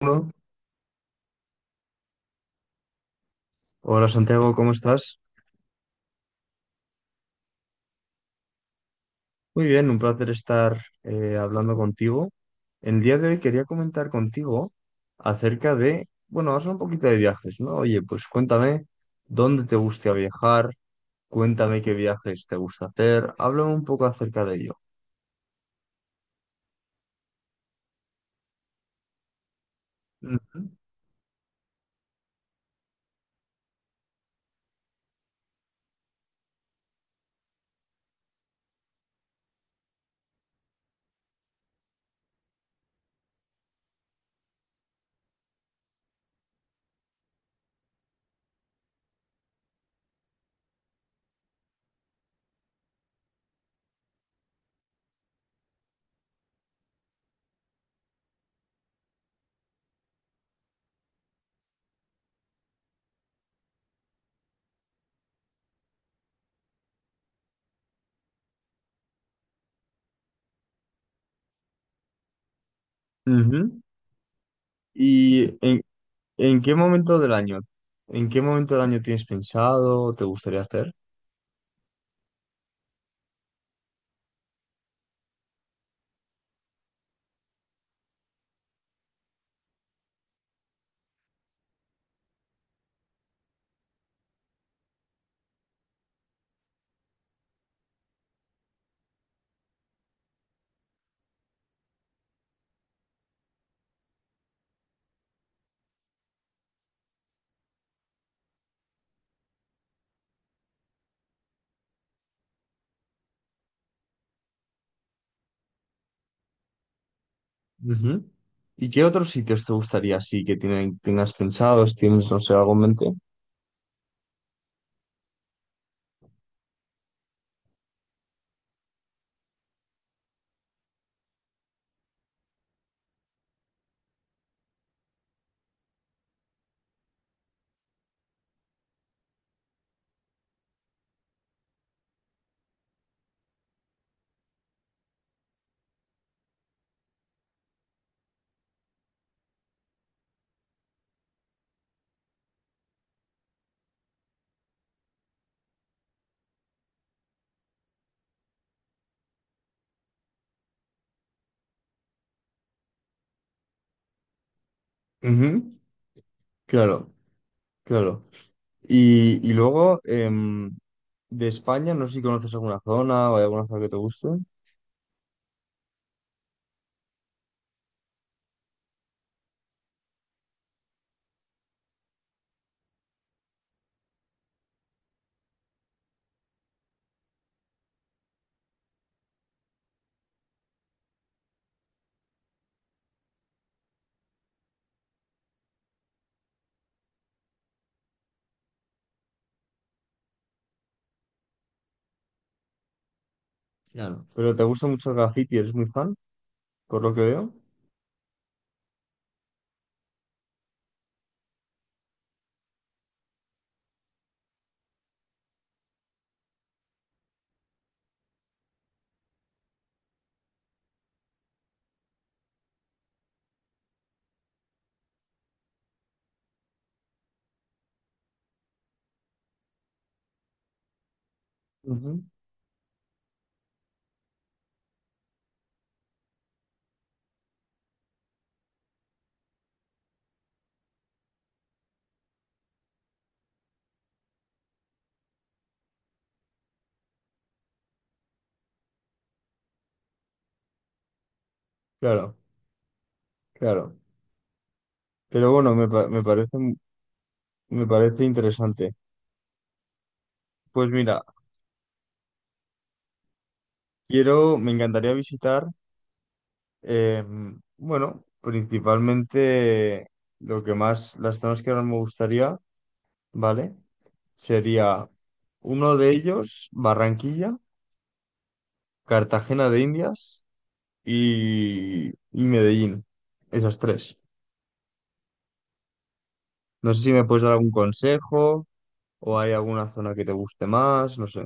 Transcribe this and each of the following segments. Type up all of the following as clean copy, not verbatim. Bueno, hola Santiago, ¿cómo estás? Muy bien, un placer estar hablando contigo. El día de hoy quería comentar contigo acerca de, bueno, vamos a hablar un poquito de viajes, ¿no? Oye, pues cuéntame dónde te gusta viajar, cuéntame qué viajes te gusta hacer, háblame un poco acerca de ello. Ujú. Ujú. ¿Y en, ¿En qué momento del año? ¿En qué momento del año tienes pensado, te gustaría hacer? Ujú. ¿Y qué otros sitios te gustaría así que tienen, tengas pensados? ¿Tienes, no sé, algo en mente? Ujú. Claro, claro. Y luego, de España, no sé si conoces alguna zona o hay alguna zona que te guste. Claro. Pero te gusta mucho el graffiti, eres muy fan, por lo que veo. Ujú. Claro, claro. Pero bueno, me parece interesante. Pues mira, quiero, me encantaría visitar. Eh, bueno, principalmente lo que más, las zonas que más me gustaría, ¿vale? Sería uno de ellos, Barranquilla, Cartagena de Indias y Medellín. Esas tres. No sé si me puedes dar algún consejo o hay alguna zona que te guste más, no sé.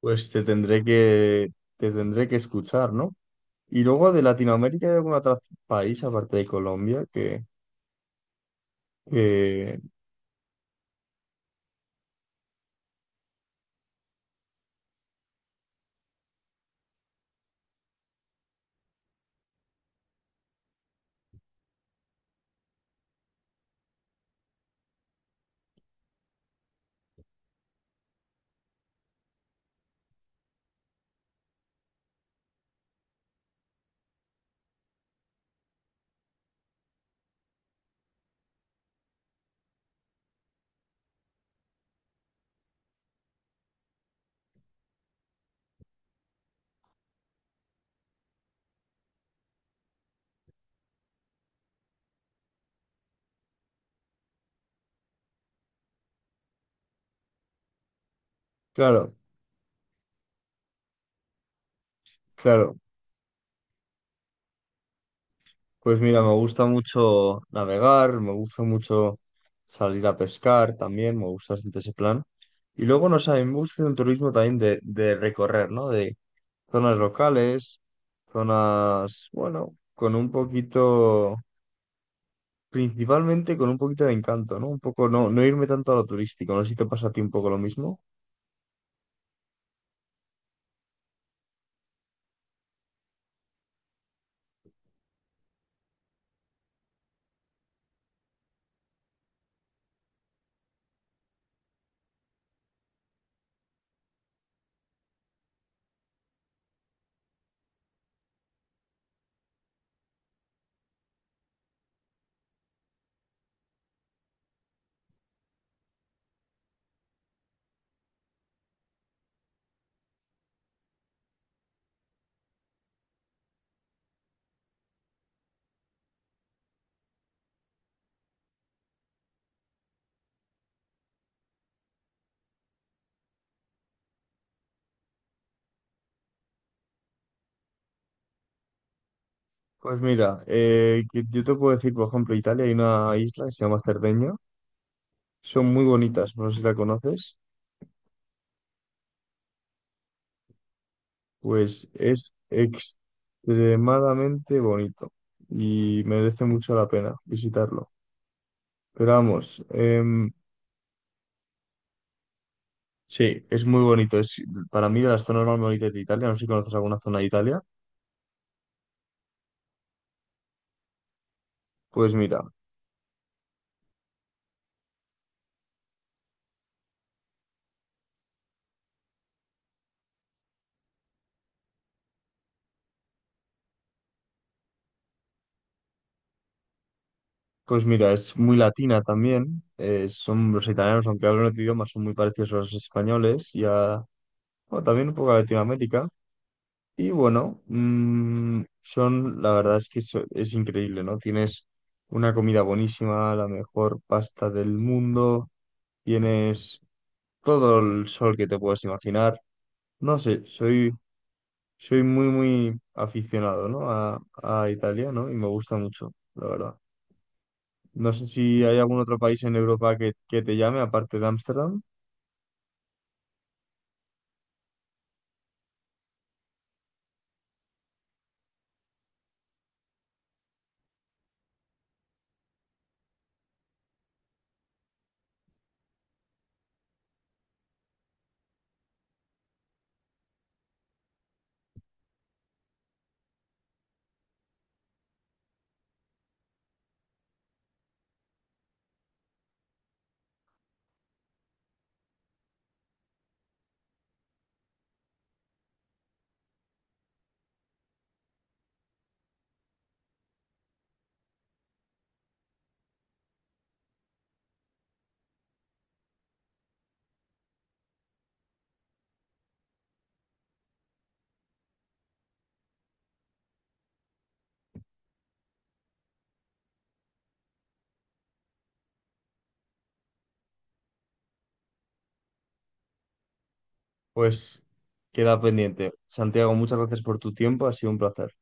Pues te tendré que, te tendré que escuchar, ¿no? Y luego de Latinoamérica hay algún otro país aparte de Colombia que claro. Claro, pues mira, me gusta mucho navegar, me gusta mucho salir a pescar también, me gusta bastante ese plan. Y luego, no sé, a mí me gusta un turismo también de recorrer, ¿no? De zonas locales, zonas, bueno, con un poquito, principalmente con un poquito de encanto, ¿no? Un poco, no, no irme tanto a lo turístico, no sé si te pasa a ti un poco lo mismo. Pues mira, yo te puedo decir, por ejemplo, Italia hay una isla que se llama Cerdeña, son muy bonitas, no sé si la conoces. Pues es extremadamente bonito y merece mucho la pena visitarlo. Pero vamos, sí, es muy bonito. Es para mí de las zonas más bonitas de Italia. No sé si conoces alguna zona de Italia. Pues mira, pues mira, es muy latina también. Son los italianos, aunque hablan otro idioma, son muy parecidos a los españoles y a, bueno, también un poco a Latinoamérica. Y bueno, son, la verdad es que es increíble, ¿no? Tienes una comida buenísima, la mejor pasta del mundo, tienes todo el sol que te puedes imaginar. No sé, soy, soy muy, muy aficionado, ¿no? A Italia, ¿no? Y me gusta mucho, la verdad. No sé si hay algún otro país en Europa que te llame, aparte de Ámsterdam, pues queda pendiente. Santiago, muchas gracias por tu tiempo, ha sido un placer.